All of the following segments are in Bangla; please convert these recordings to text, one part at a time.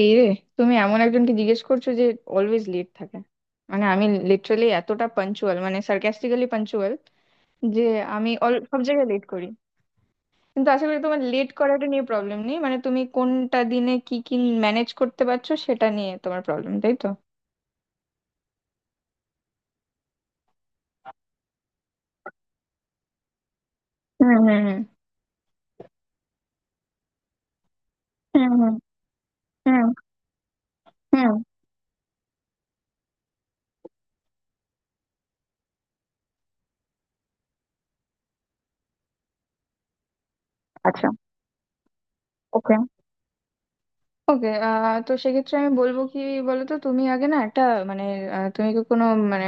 এই রে, তুমি এমন একজনকে জিজ্ঞেস করছো যে অলওয়েজ লেট থাকে। আমি লিটারালি এতটা পাঞ্চুয়াল, সার্কাস্টিক্যালি পাঞ্চুয়াল যে আমি সব জায়গায় লেট করি। কিন্তু আশা করি তোমার লেট করাটা নিয়ে প্রবলেম নেই, তুমি কোনটা দিনে কি কি ম্যানেজ করতে পারছো সেটা নিয়ে তোমার প্রবলেম, তাই তো? হুম হুম হুম হুম হুম হুম হুম আচ্ছা, ওকে। ওকে, তো সেক্ষেত্রে আমি বলবো কি, বলতো তুমি আগে না একটা, মানে তুমি কি কোনো, মানে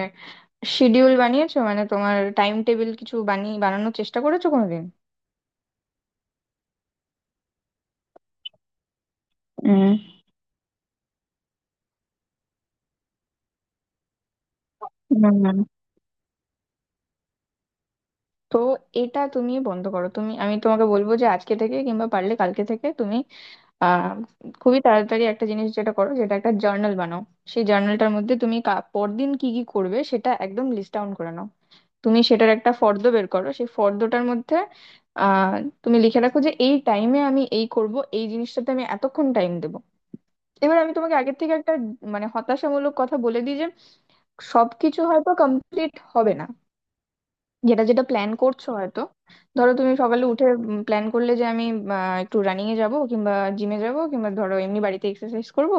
শিডিউল বানিয়েছো, মানে তোমার টাইম টেবিল কিছু বানানোর চেষ্টা করেছো কোনোদিন? উম, না, না, না। তো এটা তুমি বন্ধ করো। আমি তোমাকে বলবো যে আজকে থেকে কিংবা পারলে কালকে থেকে তুমি আহ খুবই তাড়াতাড়ি একটা জিনিস যেটা করো, যেটা একটা জার্নাল বানাও। সেই জার্নালটার মধ্যে তুমি পরদিন কি কি করবে সেটা একদম লিস্ট ডাউন করে নাও। তুমি সেটার একটা ফর্দ বের করো। সেই ফর্দটার মধ্যে আহ তুমি লিখে রাখো যে এই টাইমে আমি এই করব, এই জিনিসটাতে আমি এতক্ষণ টাইম দেব। এবার আমি তোমাকে আগের থেকে একটা মানে হতাশামূলক কথা বলে দিই যে সবকিছু হয়তো কমপ্লিট হবে না, যেটা যেটা প্ল্যান করছো হয়তো। ধরো তুমি সকালে উঠে প্ল্যান করলে যে আমি একটু রানিং এ যাব, কিংবা জিমে যাব, কিংবা ধরো এমনি বাড়িতে এক্সারসাইজ করব,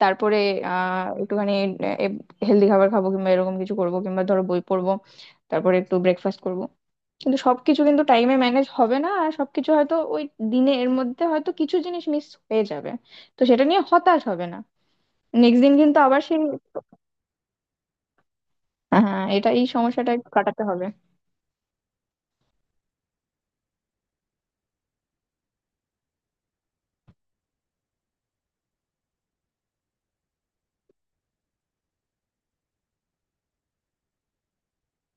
তারপরে একটুখানি হেলদি খাবার খাবো, কিংবা এরকম কিছু করব, কিংবা ধরো বই পড়বো, তারপরে একটু ব্রেকফাস্ট করব। কিন্তু সবকিছু কিন্তু টাইমে ম্যানেজ হবে না, আর সবকিছু হয়তো ওই দিনে এর মধ্যে হয়তো কিছু জিনিস মিস হয়ে যাবে। তো সেটা নিয়ে হতাশ হবে না, নেক্সট দিন কিন্তু আবার সেই। হ্যাঁ, এটা এই সমস্যাটা একটু কাটাতে হবে।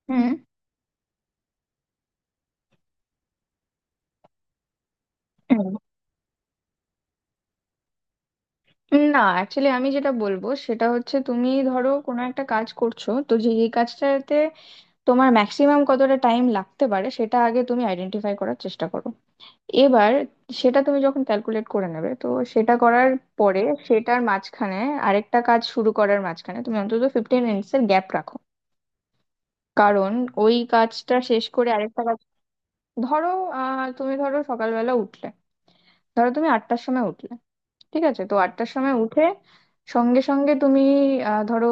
হুম হুম। না, অ্যাকচুয়ালি আমি যেটা বলবো সেটা হচ্ছে তুমি ধরো কোনো একটা কাজ করছো, তো যে এই কাজটাতে তোমার ম্যাক্সিমাম কতটা টাইম লাগতে পারে সেটা আগে তুমি আইডেন্টিফাই করার চেষ্টা করো। এবার সেটা তুমি যখন ক্যালকুলেট করে নেবে, তো সেটা করার পরে সেটার মাঝখানে, আরেকটা কাজ শুরু করার মাঝখানে তুমি অন্তত ফিফটিন মিনিটস এর গ্যাপ রাখো। কারণ ওই কাজটা শেষ করে আরেকটা কাজ, ধরো তুমি ধরো সকালবেলা উঠলে, ধরো তুমি আটটার সময় উঠলে, ঠিক আছে, তো আটটার সময় উঠে সঙ্গে সঙ্গে তুমি ধরো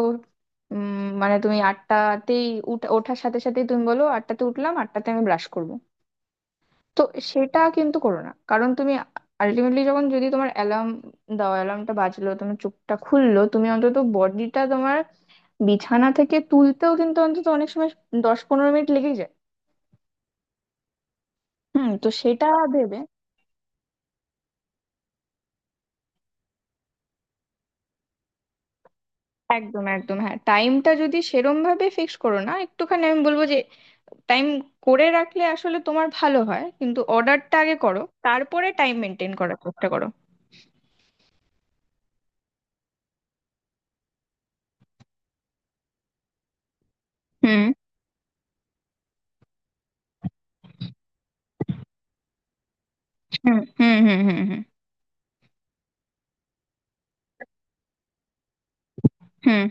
উম, মানে তুমি আটটাতেই ওঠার সাথে সাথেই তুমি বলো আটটাতে উঠলাম, আটটাতে আমি ব্রাশ করব, তো সেটা কিন্তু করো না। কারণ তুমি আলটিমেটলি যখন, যদি তোমার অ্যালার্ম দাও, অ্যালার্মটা বাজলো, তোমার চোখটা খুললো, তুমি অন্তত বডিটা তোমার বিছানা থেকে তুলতেও কিন্তু অন্তত অনেক সময়, দশ পনেরো মিনিট লেগে যায়। হুম, তো সেটা ভেবে। একদম, একদম, হ্যাঁ। টাইমটা যদি সেরম ভাবে ফিক্স করো না, একটুখানি আমি বলবো যে টাইম করে রাখলে আসলে তোমার ভালো হয়, কিন্তু অর্ডারটা আগে করো, তারপরে টাইম মেনটেন করার চেষ্টা করো। হুম হুম হুম হুম হুম হুম হুম,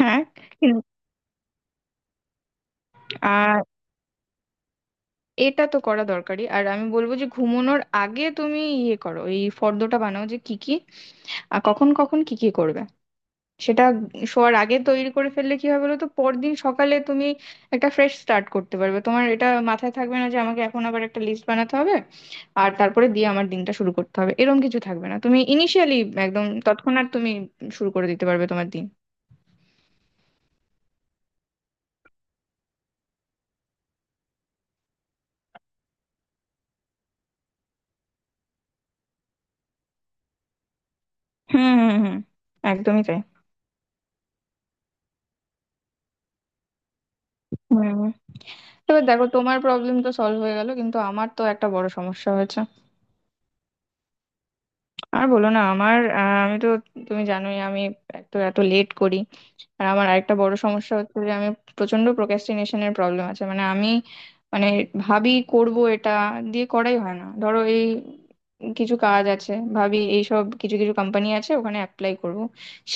হ্যাঁ কিন্তু। আর এটা তো করা দরকারি, আর আমি বলবো যে ঘুমানোর আগে তুমি ইয়ে করো, এই ফর্দটা বানাও যে কি কি আর কখন কখন কি কি করবে সেটা। শোয়ার আগে তৈরি করে ফেললে কি হবে বলো তো, পরদিন সকালে তুমি একটা ফ্রেশ স্টার্ট করতে পারবে, তোমার এটা মাথায় থাকবে না যে আমাকে এখন আবার একটা লিস্ট বানাতে হবে আর তারপরে দিয়ে আমার দিনটা শুরু করতে হবে, এরকম কিছু থাকবে না। তুমি ইনিশিয়ালি একদম তৎক্ষণাৎ তুমি শুরু করে দিতে পারবে তোমার দিন। হুম হুম হুম একদমই তাই। হুম, এবার দেখো তোমার প্রবলেম তো সলভ হয়ে গেল, কিন্তু আমার তো একটা বড় সমস্যা হয়েছে। আর বলো না, আমার আমি তো, তুমি জানোই আমি এত এত লেট করি। আর আমার আরেকটা বড় সমস্যা হচ্ছে যে আমি প্রচন্ড প্রোক্রাস্টিনেশনের প্রবলেম আছে। মানে ভাবি করব এটা, দিয়ে করাই হয় না। ধরো এই কিছু কাজ আছে, ভাবি এইসব কিছু কিছু কোম্পানি আছে ওখানে অ্যাপ্লাই করব,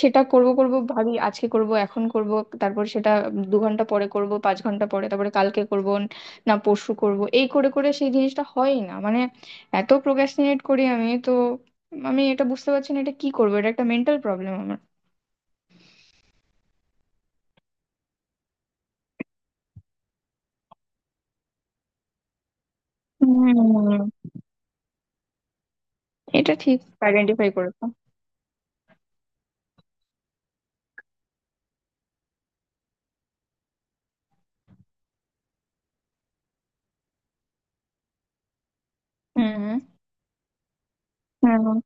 সেটা করব করব ভাবি, আজকে করব, এখন করব, তারপর সেটা দু ঘন্টা পরে করব, পাঁচ ঘন্টা পরে, তারপরে কালকে করব, না পরশু করব, এই করে করে সেই জিনিসটা হয় না। মানে এত প্রোক্রাস্টিনেট করি আমি তো। আমি এটা বুঝতে পারছি না, এটা কি করবো, এটা একটা মেন্টাল প্রবলেম আমার। হুম, এটা ঠিক আইডেন্টিফাই করেছো। হুম হুম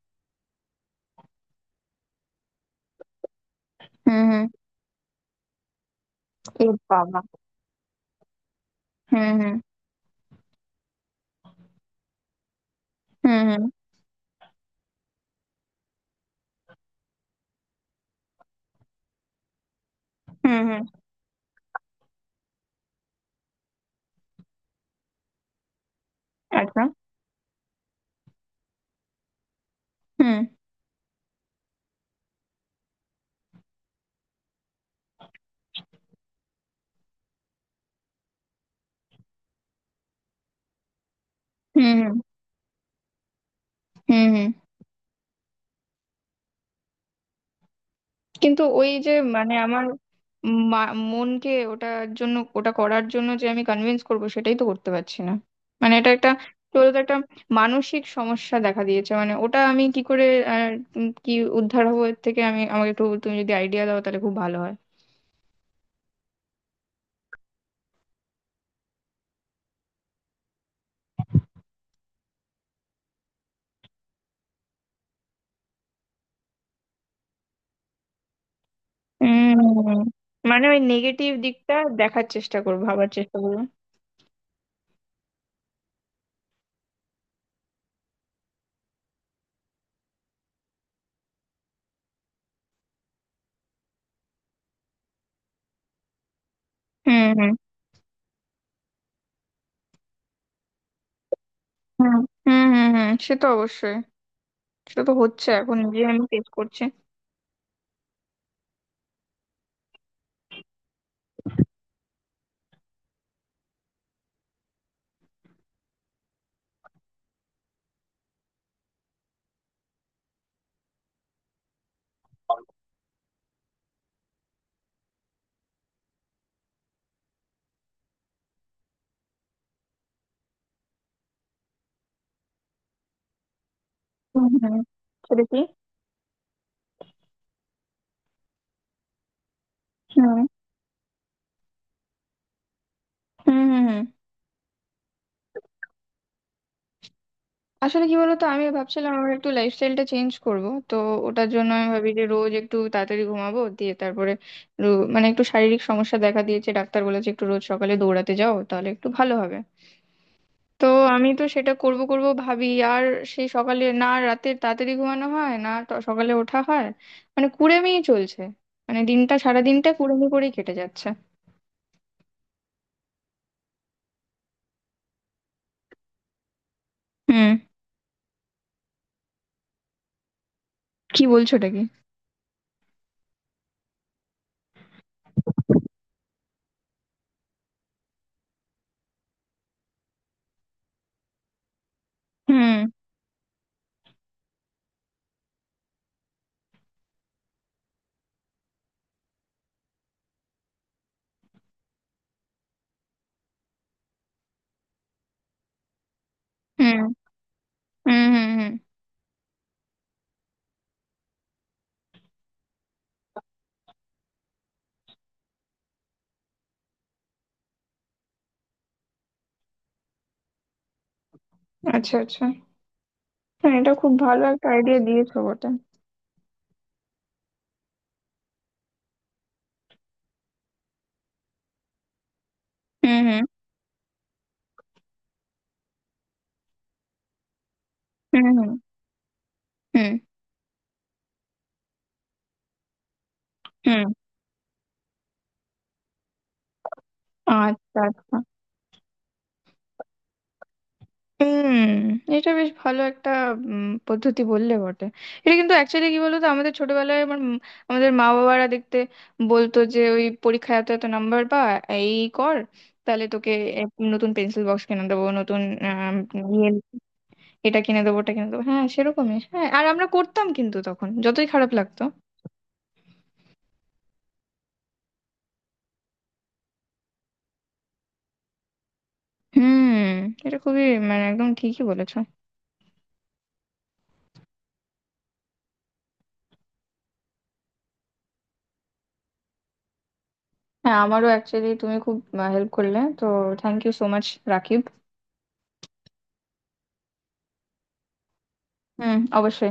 হুম হুম এ বাবা। হুম হুম হুম হুম হুম হুম হুম আচ্ছা। হুম হুম হুম হুম হুম কিন্তু ওই যে, মানে আমার মনকে ওটার জন্য, ওটা করার জন্য যে আমি কনভিন্স করব, সেটাই তো করতে পারছি না। মানে এটা একটা, কি বলতো, একটা মানসিক সমস্যা দেখা দিয়েছে। মানে ওটা আমি কি করে আহ, কি উদ্ধার হবো এর থেকে, আমি, আমাকে একটু তুমি যদি আইডিয়া দাও তাহলে খুব ভালো হয়। উম, মানে ওই নেগেটিভ দিকটা দেখার চেষ্টা করবো, ভাবার চেষ্টা করবো। হুম হুম হুম হুম হুম হুম সে তো অবশ্যই, সেটা তো হচ্ছে এখন যে আমি ফেস করছি। হুম হুম সেটা কি? হুম হুম হুম হুম আসলে কি বলতো, আমি ভাবছিলাম আমার একটু লাইফস্টাইলটা চেঞ্জ করব, তো ওটার জন্য আমি ভাবি যে রোজ একটু তাড়াতাড়ি ঘুমাবো, দিয়ে তারপরে রো- মানে একটু শারীরিক সমস্যা দেখা দিয়েছে, ডাক্তার বলেছে একটু রোজ সকালে দৌড়াতে যাও তাহলে একটু ভালো হবে। তো আমি তো সেটা করব করব ভাবি, আর সেই সকালে না, রাতে তাড়াতাড়ি ঘুমানো হয় না, সকালে ওঠা হয়, মানে কুড়েমিই চলছে, মানে দিনটা, সারা দিনটা কুড়েমি করেই কেটে যাচ্ছে। হুম, কি বলছো, এটা কি! হুম হুম হুম হুম হুম আচ্ছা, আচ্ছা, হ্যাঁ এটা খুব ভালো একটা আইডিয়া দিয়েছো বটে। হুম হুম হুম হুম হুম হুম আচ্ছা, আচ্ছা। হুম, এটা বেশ ভালো একটা পদ্ধতি বললে বটে। এটা কিন্তু অ্যাকচুয়ালি, কি বলতো, আমাদের ছোটবেলায় আমার আমাদের মা বাবারা দেখতে বলতো যে ওই পরীক্ষায় এত এত নাম্বার পা, এই কর, তাহলে তোকে এক নতুন পেন্সিল বক্স কিনে দেবো, নতুন আম, ইয়ে এটা কিনে দেবো, ওটা কিনে দেবো। হ্যাঁ, সেরকমই। হ্যাঁ, আর আমরা করতাম কিন্তু তখন যতই খারাপ লাগতো। হুম, এটা খুবই, মানে একদম ঠিকই বলেছো। হ্যাঁ, আমারও অ্যাকচুয়ালি, তুমি খুব হেল্প করলে তো। Thank you so much, Rakib. হুম, অবশ্যই।